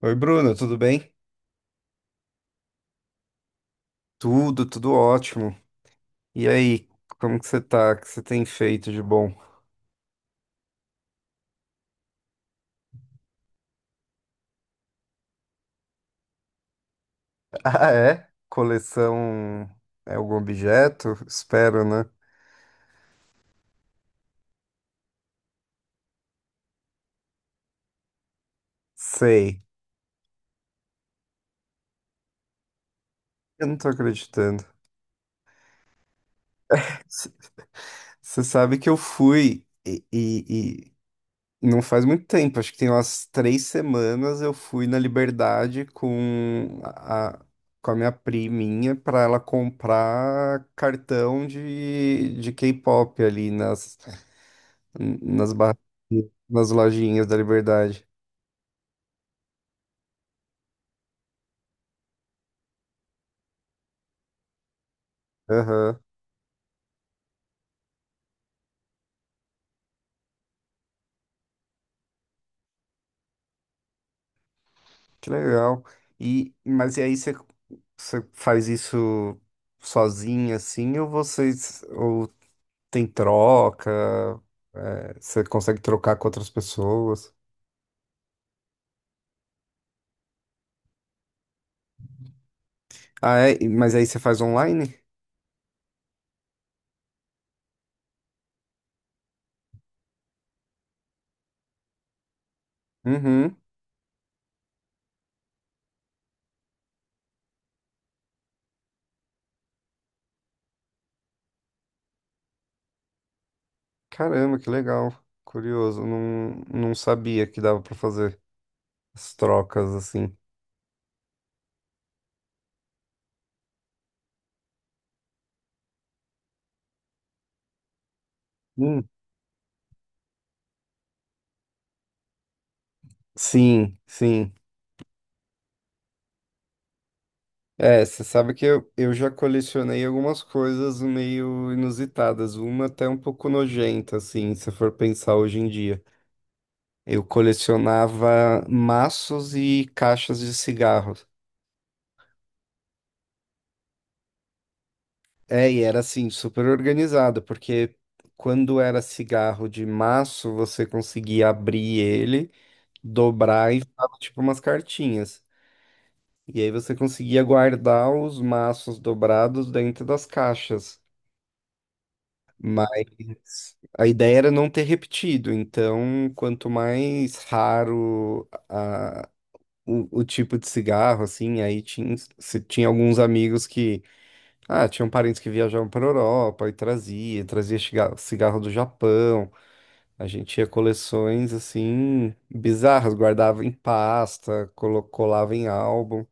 Oi, Bruno, tudo bem? Tudo, ótimo. E aí, como que você tá? O que você tem feito de bom? Ah, é? Coleção é algum objeto? Espero, né? Sei. Eu não tô acreditando. C- Você sabe que eu fui e não faz muito tempo, acho que tem umas três semanas, eu fui na Liberdade com a minha priminha pra ela comprar cartão de K-pop ali nas. Nas nas lojinhas da Liberdade. Aham. Que legal. Mas e aí você faz isso sozinha, assim, ou tem troca, é, você consegue trocar com outras pessoas? Ah, é? E mas aí você faz online? Uhum. Caramba, que legal. Curioso, não sabia que dava pra fazer as trocas assim. Hum. Sim, sim. É, você sabe que eu já colecionei algumas coisas meio inusitadas, uma até um pouco nojenta, assim, se for pensar hoje em dia. Eu colecionava maços e caixas de cigarros. É, e era assim, super organizado, porque quando era cigarro de maço, você conseguia abrir ele, dobrar e ficava tipo umas cartinhas. E aí você conseguia guardar os maços dobrados dentro das caixas. Mas a ideia era não ter repetido, então quanto mais o tipo de cigarro, assim, aí tinha, se tinha alguns amigos que, ah, tinham parentes que viajavam para Europa e trazia cigarro do Japão, a gente tinha coleções, assim, bizarras, guardava em pasta, colava em álbum.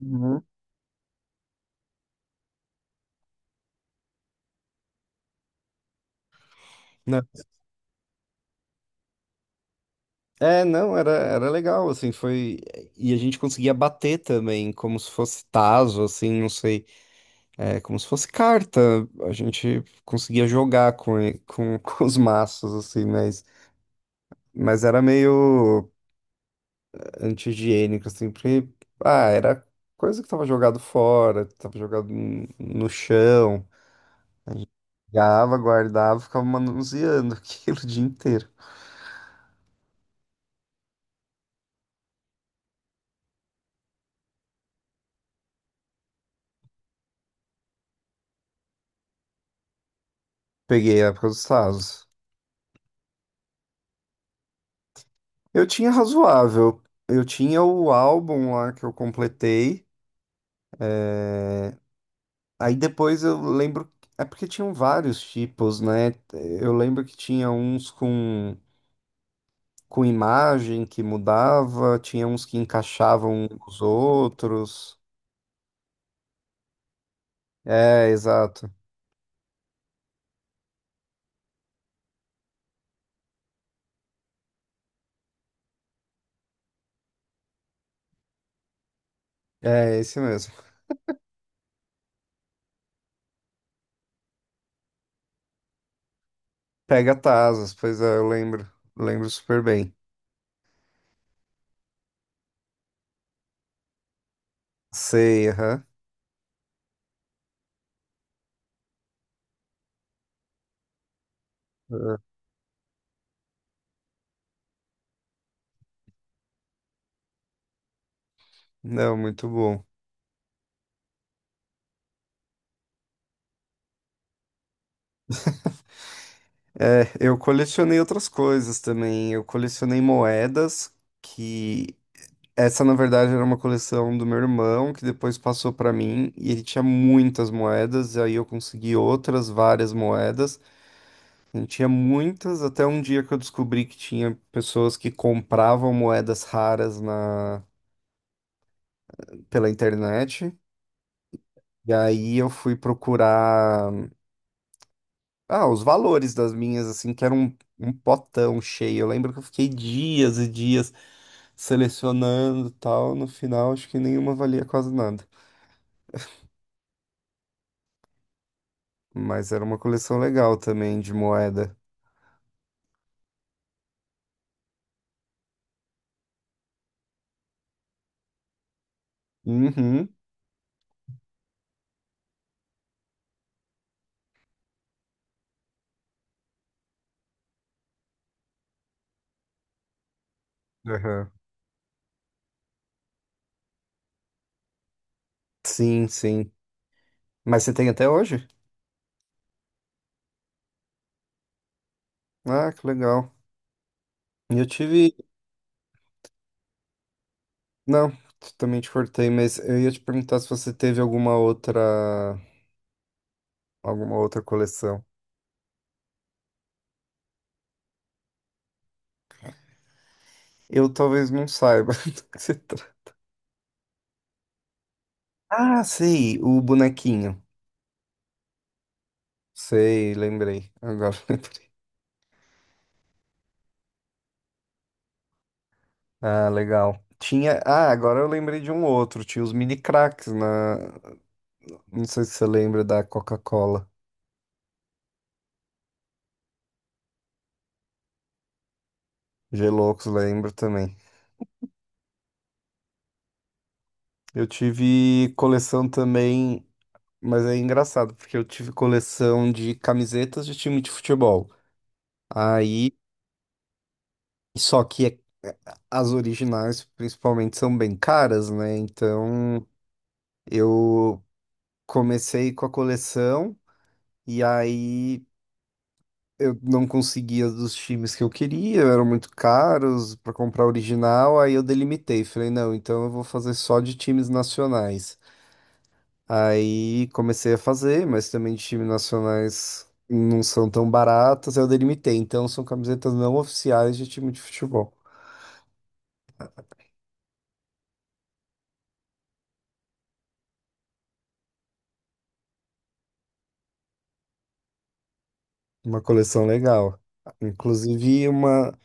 Uhum. É, não, era legal, assim, foi. E a gente conseguia bater também, como se fosse tazo, assim, não sei, é, como se fosse carta. A gente conseguia jogar com os maços, assim, mas era meio anti-higiênico, assim, porque, ah, era coisa que tava jogado fora, tava jogado no chão, pegava, guardava, ficava manuseando aquilo o dia inteiro. Peguei a época dos tazos. Eu tinha razoável. Eu tinha o álbum lá que eu completei. Aí depois eu lembro. É porque tinham vários tipos, né? Eu lembro que tinha com imagem que mudava, tinha uns que encaixavam os outros. É, exato. É, esse mesmo. Pega Tasas, pois é, eu lembro. Lembro super bem. Sei, aham. Ah, não, muito bom. É, eu colecionei outras coisas também. Eu colecionei moedas que essa, na verdade, era uma coleção do meu irmão, que depois passou para mim, e ele tinha muitas moedas, e aí eu consegui outras várias moedas. Ele tinha muitas, até um dia que eu descobri que tinha pessoas que compravam moedas raras na pela internet. E aí eu fui procurar ah, os valores das minhas, assim, que um potão cheio. Eu lembro que eu fiquei dias e dias selecionando e tal. No final, acho que nenhuma valia quase nada. Mas era uma coleção legal também de moeda. Uhum. Aham. Sim, sim. Mas você tem até hoje? Ah, que legal. E eu tive. Não, também te cortei, mas eu ia te perguntar se você teve alguma outra. Alguma outra coleção. Eu talvez não saiba do que se trata. Ah, sei, o bonequinho. Sei, lembrei. Agora lembrei. Ah, legal. Tinha. Ah, agora eu lembrei de um outro. Tinha os mini cracks na. Não sei se você lembra da Coca-Cola. Geloucos, lembro também. Eu tive coleção também, mas é engraçado, porque eu tive coleção de camisetas de time de futebol. Aí, só que é- é, as originais, principalmente, são bem caras, né? Então, eu comecei com a coleção e aí eu não conseguia as dos times que eu queria, eram muito caros para comprar original, aí eu delimitei, falei, não, então eu vou fazer só de times nacionais. Aí comecei a fazer, mas também de time nacionais não são tão baratas, aí eu delimitei. Então são camisetas não oficiais de time de futebol. Uma coleção legal. Inclusive uma,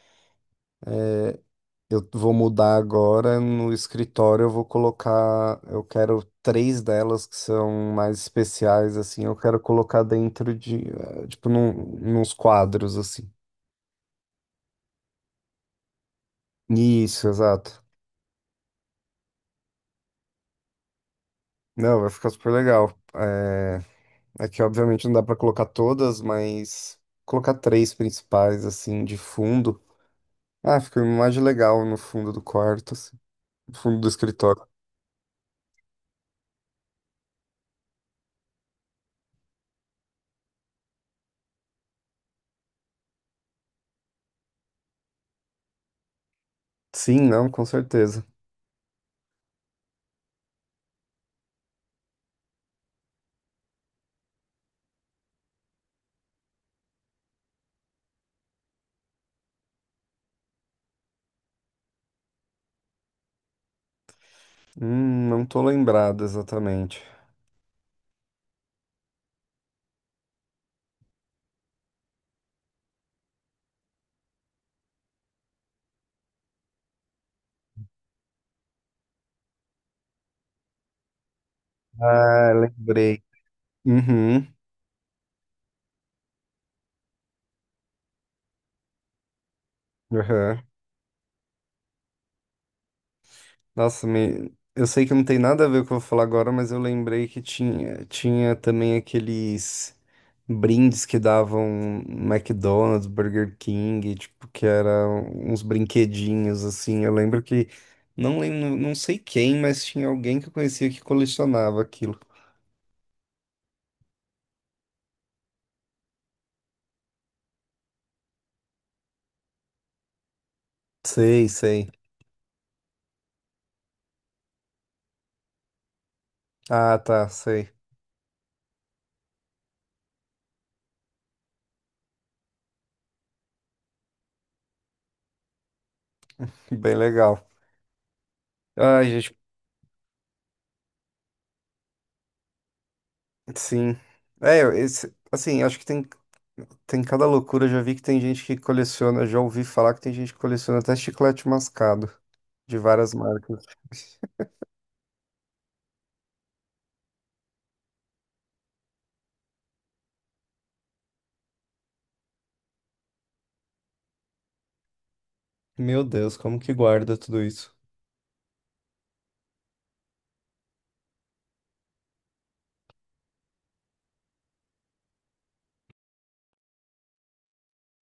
eu vou mudar agora no escritório, eu vou colocar, eu quero três delas que são mais especiais assim, eu quero colocar dentro de, eh, nos quadros assim. Isso, exato. Não, vai ficar super legal. É, é que obviamente não dá pra colocar todas, mas colocar três principais, assim, de fundo. Ah, fica uma imagem legal no fundo do quarto, assim, no fundo do escritório. Sim, não, com certeza. Não tô lembrado exatamente. Ah, lembrei. Uhum, uhum. Nossa, me... eu sei que não tem nada a ver com o que eu vou falar agora, mas eu lembrei que tinha, tinha também aqueles brindes que davam no McDonald's, Burger King, tipo, que eram uns brinquedinhos, assim. Eu lembro que, não lembro, não sei quem, mas tinha alguém que eu conhecia que colecionava aquilo. Sei, sei. Ah, tá, sei. Bem legal. Ai, gente, sim. É, esse, assim, acho que tem. Tem cada loucura, eu já vi que tem gente que coleciona, já ouvi falar que tem gente que coleciona até chiclete mascado de várias marcas. Meu Deus, como que guarda tudo isso?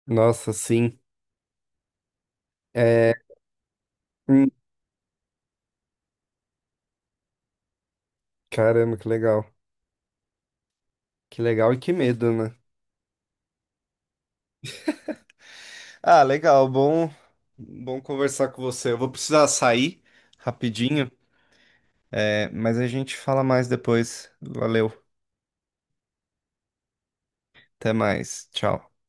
Nossa, sim. É, hum, caramba, que legal. Que legal e que medo, né? Ah, legal, bom, bom conversar com você. Eu vou precisar sair rapidinho, é, mas a gente fala mais depois. Valeu, até mais. Tchau.